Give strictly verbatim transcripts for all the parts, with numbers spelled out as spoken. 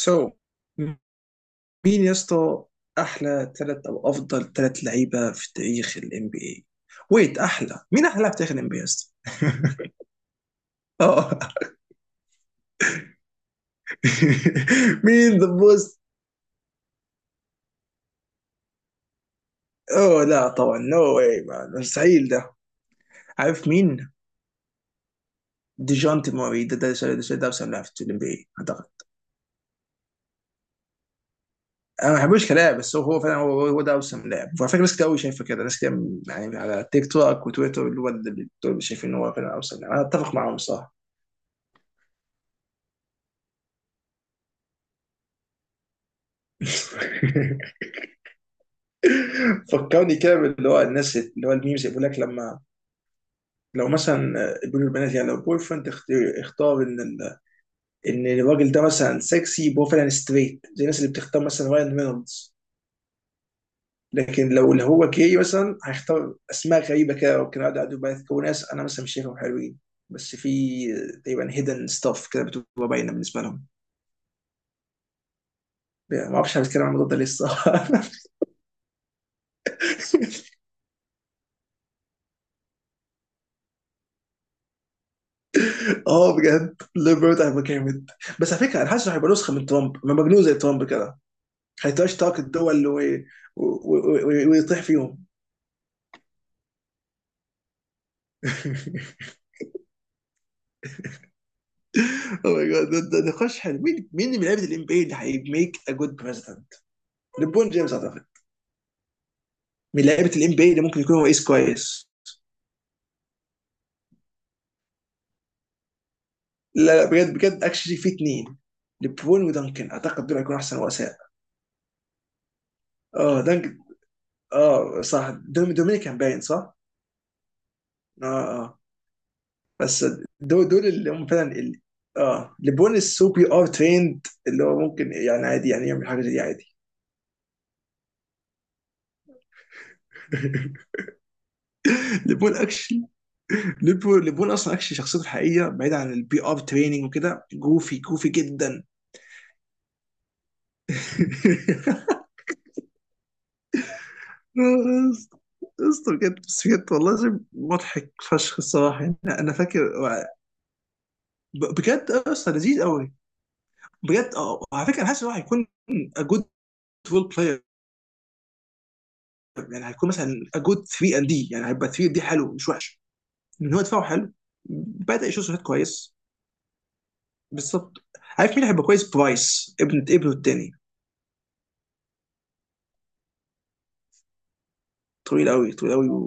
سو مين يا اسطى؟ احلى ثلاث او افضل ثلاث لعيبه في تاريخ الام بي اي. ويت، احلى مين، احلى لاعب في تاريخ الام بي اي يا اسطى؟ اه. مين ذا بوست؟ اوه لا طبعا، نو واي مان، مستحيل ده. عارف مين؟ ديجونتي موري، ده ده ده, ده, ده اوسم لاعب في الام بي اي اعتقد. انا ما بحبوش كلاعب بس هو هو فعلا هو هو ده اوسم لاعب، وعلى فكره ناس كتير قوي شايفه كده، ناس كتير. يعني على تيك توك وتويتر، اللي هو اللي دول شايفين ان هو فعلا اوسم لاعب، انا اتفق معاهم. صح. فكرني كده، اللي هو الناس اللي هو الميمز يقول لك، لما لو مثلا بيقولوا البنات يعني لو بوي فريند اختار ان ال... ان الراجل ده مثلا سكسي، يبقى هو فعلا ستريت، زي الناس اللي بتختار مثلا راين رينولدز. لكن لو اللي هو جاي مثلا هيختار اسماء غريبه كده، ممكن اقعد اقعد بقى يذكروا ناس انا مثلا مش شايفهم حلوين. بس في تقريبا هيدن ستاف كده بتبقى باينه بالنسبه لهم. يعني ما اعرفش، هنتكلم عن الموضوع ده لسه. اه بجد، ليبرت هيبقى جامد. بس على فكره انا حاسس إنه هيبقى نسخه من ترامب، من مجنون زي ترامب كده. هيتشتاق الدول و- و- و- ويطيح فيهم. او ماي جاد، ده ده نقاش حلو. مين، مين من لعيبه الام بي اي اللي هيميك ا جود بريزدنت؟ ليبرون جيمس اعتقد. من لعيبه الام بي اي اللي ممكن يكون هو ايس كويس. لا لا، بجد بجد، اكشلي في اثنين. ليبرون ودانكن اعتقد دول هيكونوا احسن رؤساء. اه دانكن. اه صح، دوم- دومينيكان باين صح؟ اه. اه. بس دول دول اللي هم فعلا ال- اه ليبرون، السو بي ار تريند اللي هو ممكن يعني عادي يعني يعمل حاجه زي دي عادي. ليبرون اكشلي، ليبول ليبول اصلا اكشلي شخصيته الحقيقيه بعيد عن البي ار تريننج وكده، جوفي جوفي جدا. اسطى بجد، بس بجد والله العظيم مضحك فشخ الصراحه. يعني انا أنا فاكر. ب- بجد اسطى لذيذ قوي. بجد اه، على فكره انا حاسس ان هو هيكون a good role player، يعني هيكون مثلا a good ثري and D، يعني هيبقى ثري and D حلو مش وحش. ان هو دفاعه حلو. بدأ يشوف شوط كويس. بالظبط. عارف مين هيبقى كويس؟ برايس، ابن ابنه التاني. طويل قوي طويل قوي و...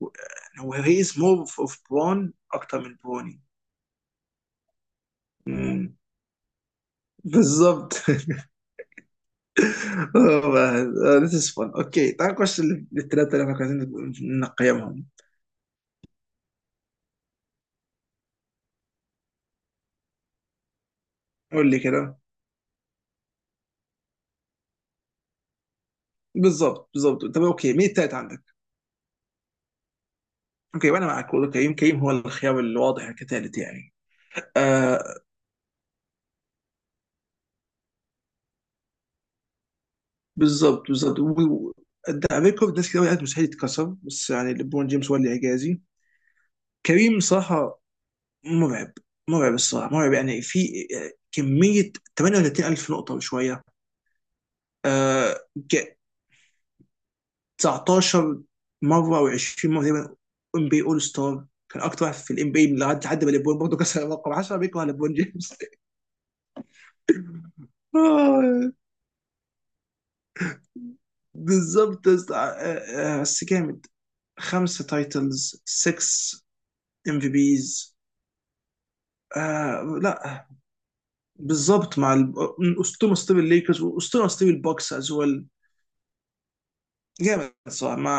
و- يعني هو هي از مور اوف برون اكتر من بروني. مم. بالظبط. ذس از فun. اوكي تعال نخش للثلاثه اللي احنا كنا عايزين نقيمهم. قول لي كده. بالظبط بالظبط. طب اوكي مين التالت عندك؟ اوكي، وانا معاك برضه، كريم. كريم هو الخيار الواضح كثالث يعني. آه. بالظبط بالظبط و- و- ده ريكورد ناس كده قالت مستحيل يتكسر، بس يعني ليبرون جيمس هو اللي اعجازي. كريم صراحه مرعب، مرعب الصراحه، مرعب. يعني في آه، كميه تمانية وتلاتين الف نقطه وشويه. آه ج- تسعتاشر مره او عشرين مره تقريبا ام بي اول ستار، كان اكتر واحد في الام بي لحد حد ما ليبرون برضه كسر الرقم. عشرة بيكره ليبرون جيمس. آه، بالظبط يا اسطى. آه، آه، بس جامد، خمسه تايتلز، ستة ام في بيز. آه لا. بالظبط، مع ال- اسطوره، اسطوره الليكرز، واسطوره، اسطوره البوكس از ويل. جامد صراحه. ما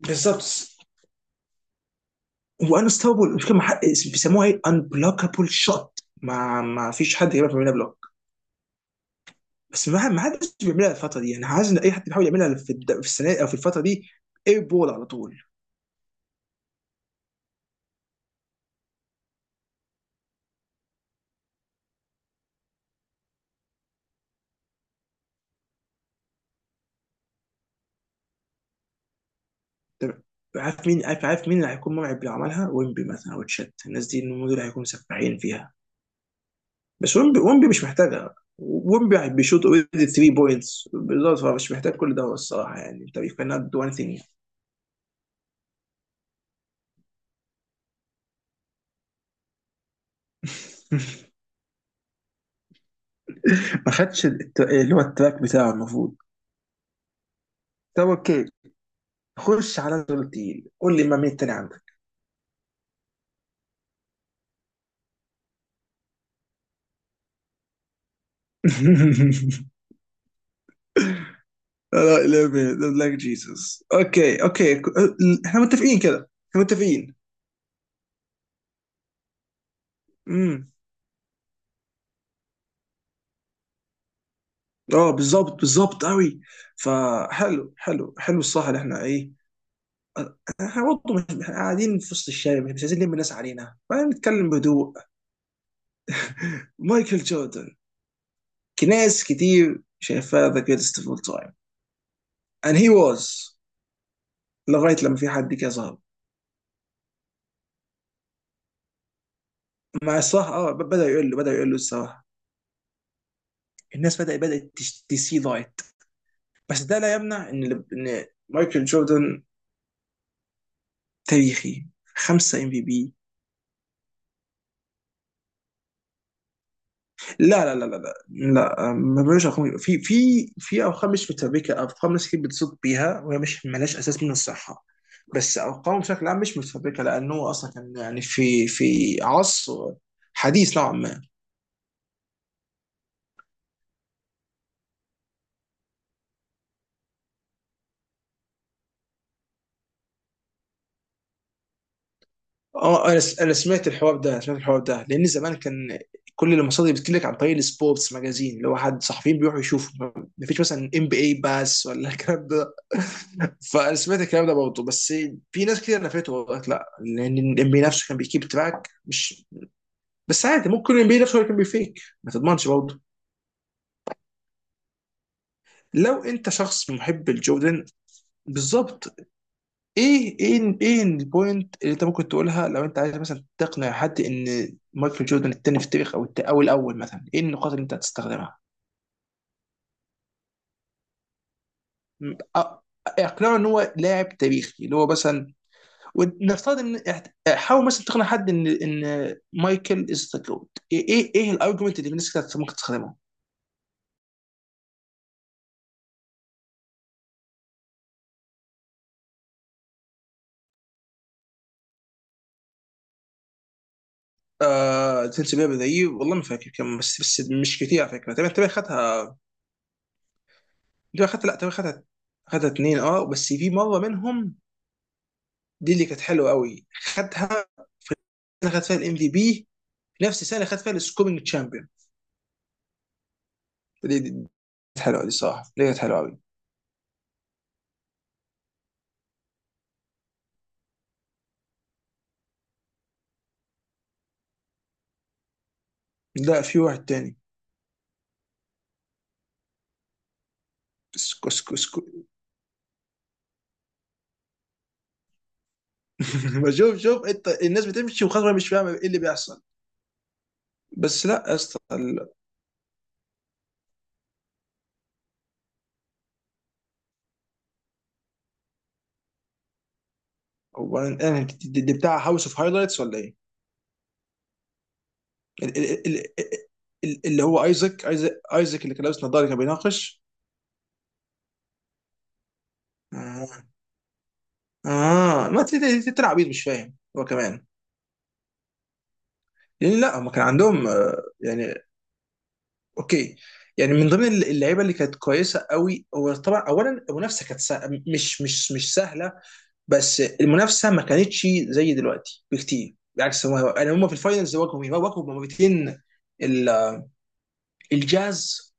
بالظبط، وانستوبل مش كده مح... بيسموها ايه؟ انبلوكابل شوت، ما ما فيش حد يعرف يعملها بلوك. بس ما ما حدش بيعملها الفتره دي، يعني عايز ان اي حد بيحاول يعملها في, الد... في السنه او في الفتره دي، اير بول على طول. طب عارف مين، عارف, عارف مين اللي هيكون مرعب لو عملها؟ ويمبي مثلا او تشات، الناس دي إن هم دول هيكونوا سفاحين فيها. بس ويمبي، ويمبي مش محتاجها، ويمبي بيشوط اوريدي تري بوينتس بالظبط، فمش محتاج كل ده الصراحه. يعني انت يو كانت دو اني ثينج. ما خدش الت- اللي هو التراك بتاعه المفروض. طب اوكي خش على دول تقيل، قول لي ما مين تاني عندك. لا لا لا لايك جيسس. اوكي اوكي، احنا متفقين كده، احنا متفقين. امم. اه بالظبط، بالظبط قوي. فحلو حلو حلو، الصح اللي احنا ايه، احنا برضه مش احنا قاعدين في وسط الشارع، مش عايزين نلم الناس علينا فنتكلم بهدوء. مايكل جوردن، ناس كتير شايفاه ذا جريتست اوف اول تايم and he was لغايه لما في حد كده ظهر. مع الصراحه اه، ب- بدا يقول له بدا يقول له الصراحه، الناس بدا بدات تسي لايت. بس ده لا يمنع ان، ان مايكل جوردن تاريخي، خمسة ام في بي. لا لا لا لا لا لا. آه، ما بقولش ارقام، في في في ارقام مش متفبركه، ارقام ناس كتير بتصوت بيها وهي مش ملهاش اساس من الصحه. بس ارقامه بشكل عام مش متفبركه لانه اصلا كان يعني في في عصر حديث نوعا ما. اه انا س- انا سمعت الحوار ده، سمعت الحوار ده، لان زمان كان كل المصادر بتجيلك عن طريق السبورتس ماجازين، اللي هو حد صحفيين بيروحوا يشوفوا، مفيش مثلا ام بي اي باس ولا الكلام ده. فانا سمعت الكلام ده برضه. بس في ناس كتير نفته وقالت لا، لان الام بي إيه نفسه كان بيكيب تراك، مش بس عادي، ممكن الام بي إيه نفسه هو اللي كان بيفيك، ما تضمنش برضه لو انت شخص محب لجوردن. بالظبط. ايه، ايه، ايه البوينت اللي انت ممكن تقولها لو انت عايز مثلا تقنع حد ان مايكل جوردن التاني في التاريخ او الت- او الاول مثلا، ايه النقاط اللي انت هتستخدمها؟ م- أ- اقنعه ان هو لاعب تاريخي، اللي هو مثلا ونفترض ان احت- حاول مثلا تقنع حد ان ان مايكل از ذا جوت، ايه، ايه، ايه الارجيومنت اللي بالنسبه لك ممكن تستخدمه؟ آه تنسى بيها بدقيق والله ما فاكر كم، بس بس مش كتير على فكره، تقريبا تقريبا خدها، تقريبا خدها، لا تقريبا خدها، خدها اتنين. اه بس في مره منهم دي اللي كانت حلوه قوي، خدها، خد فيها الام في بي نفس السنه اللي خد فيها السكورينج تشامبيون. دي دي دي كانت حلوه، دي صراحه دي كانت حلوه قوي. لا في واحد تاني، اسكو اسكو اسكو. بشوف، شوف انت الناس بتمشي وخلاص مش فاهمه ايه اللي بيحصل. بس لا يا اسطى ال- هو انا دي دي بتاع هاوس اوف هايلايتس ولا ايه؟ ال- ال- ال- ال- اللي هو ايزك ايزك ايزك اللي كان لابس نظاره كان بيناقش. اه. آه، ما تلعب عبيط، مش فاهم هو كمان. لان لا، هم كان عندهم آه، يعني اوكي، يعني من ضمن اللعيبه اللي كانت كويسه قوي، هو طبعا اولا المنافسه كانت سا... مش مش مش سهله، بس المنافسه ما كانتش زي دلوقتي بكتير، بالعكس هم يعني هم في الفاينلز واجهوا مين؟ واجهوا مرتين ال- الجاز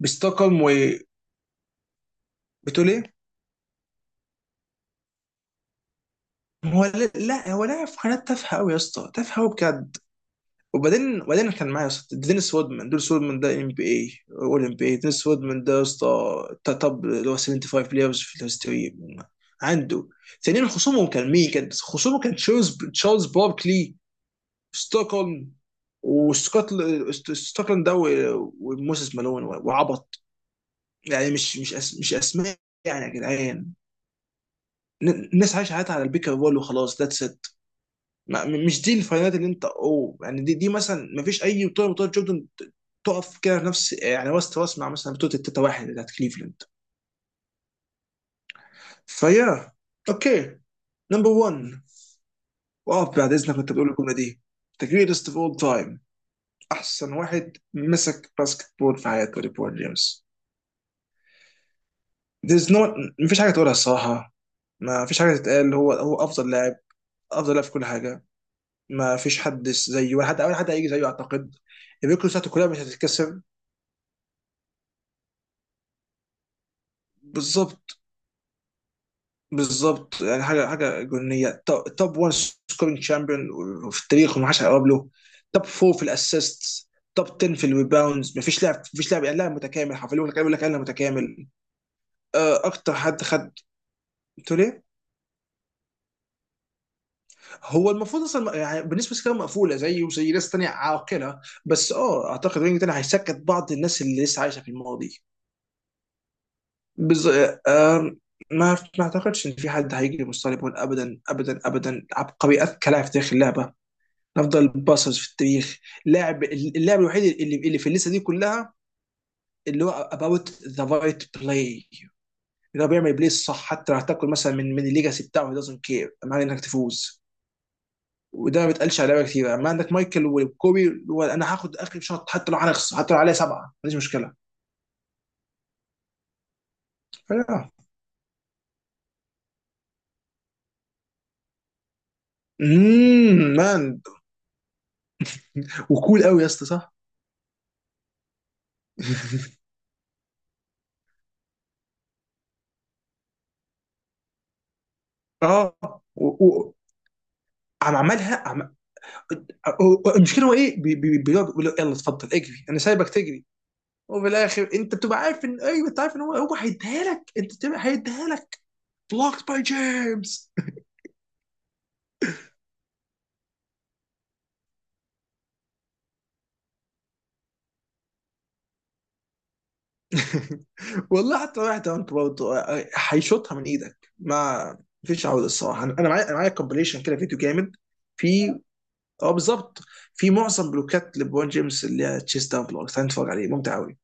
بستوكهولم. وبتقول ايه؟ هو لا لا، هو لاعب في قناه تافهه قوي يا اسطى، تافهه قوي بجد. وبعدين وبعدين كان معايا يا اسطى دينيس وودمان، دينيس وودمان ده ام بي اي، اول ام بي اي دينيس وودمان ده يا اسطى، توب اللي هو سفنتي فايف بلايرز في الهستوري عنده. ثانيا خصومه كان مين؟ كان خصومه كان تشارلز تشارلز باركلي، ستوكهولم وستوكل ستوكهولم ده، و- وموسيس مالون و- وعبط، يعني مش مش أس... مش اسماء يعني يا جدعان. ن- الناس عايشه حياتها على البيكر بول وخلاص، ذاتس ات. ما مش دي الفاينالات اللي انت اوه يعني، دي دي مثلا ما فيش اي بطوله من بطولات جوردن ت- تقف كده في نفس يعني وسط راس مع مثلا بطوله التتا واحد بتاعت كليفلاند فيا. اوكي نمبر وان، واقف بعد اذنك وانت بتقول الجمله دي، ذا جريتست اوف اول تايم، احسن واحد مسك باسكت بول في حياته ليبرون جيمس. there's no ما فيش حاجه تقولها الصراحه، ما فيش حاجه تتقال، هو هو افضل لاعب، افضل لاعب في كل حاجه. ما فيش حد زيه ولا حد، اول حد هيجي زيه اعتقد. الريكورد بتاعته كلها مش هتتكسر. بالظبط بالظبط، يعني حاجه حاجه جنونيه، توب وان سكورينج شامبيون في التاريخ وما حدش هيقرب له. توب فور في الاسيست، توب تن في الريباوندز، مفيش لاعب، مفيش لاعب يعني، لاعب متكامل حرفيا، يقول لك، يقول لك انا متكامل. آه، اكتر حد خد قلت ليه. هو المفروض اصلا يعني بالنسبه لكام مقفوله زيه وزي ناس تانيه عاقله، بس اه اعتقد رينج تاني هيسكت بعض الناس اللي لسه عايشه في الماضي. بز... آه، ما ما اعتقدش ان في حد هيجي مستوى ليبرون ابدا ابدا ابدا. عبقري، اذكى لاعب في تاريخ اللعبه، افضل باسرز في التاريخ، اللاعب اللاعب الوحيد اللي اللي في الليسته دي كلها، اللي هو اباوت ذا رايت بلاي، اللي هو بيعمل بلاي الصح حتى لو هتاكل مثلا من من الليجاسي بتاعه، دازنت كير معنى انك تفوز. وده ما بيتقالش على لعيبه كتير، اما عندك مايكل وكوبي اللي هو انا هاخد اخر شوط حتى لو هنخسر، حتى لو عليا سبعه ما عنديش مشكله فيا. اممم مان، وكول قوي يا اسطى صح. اه و- و- عم عملها عم... المشكله هو ايه، بي- بي- بيقعد يقول له يلا اتفضل اجري، انا سايبك تجري، وفي الاخر انت بتبقى عارف ان ايوه، انت عارف ان هو هو هيديها لك، انت بتبقى هيديها لك. بلوكت باي جيمس. والله حتى واحد انت برضه آه، آه، هيشوطها من ايدك، ما فيش عوده الصراحه. انا أنا معايا، انا معايا كومبليشن كده فيديو جامد في. اه بالظبط، في معظم بلوكات لبرون جيمس اللي هي تشيست داون بلوكس هنتفرج عليه، ممتع قوي.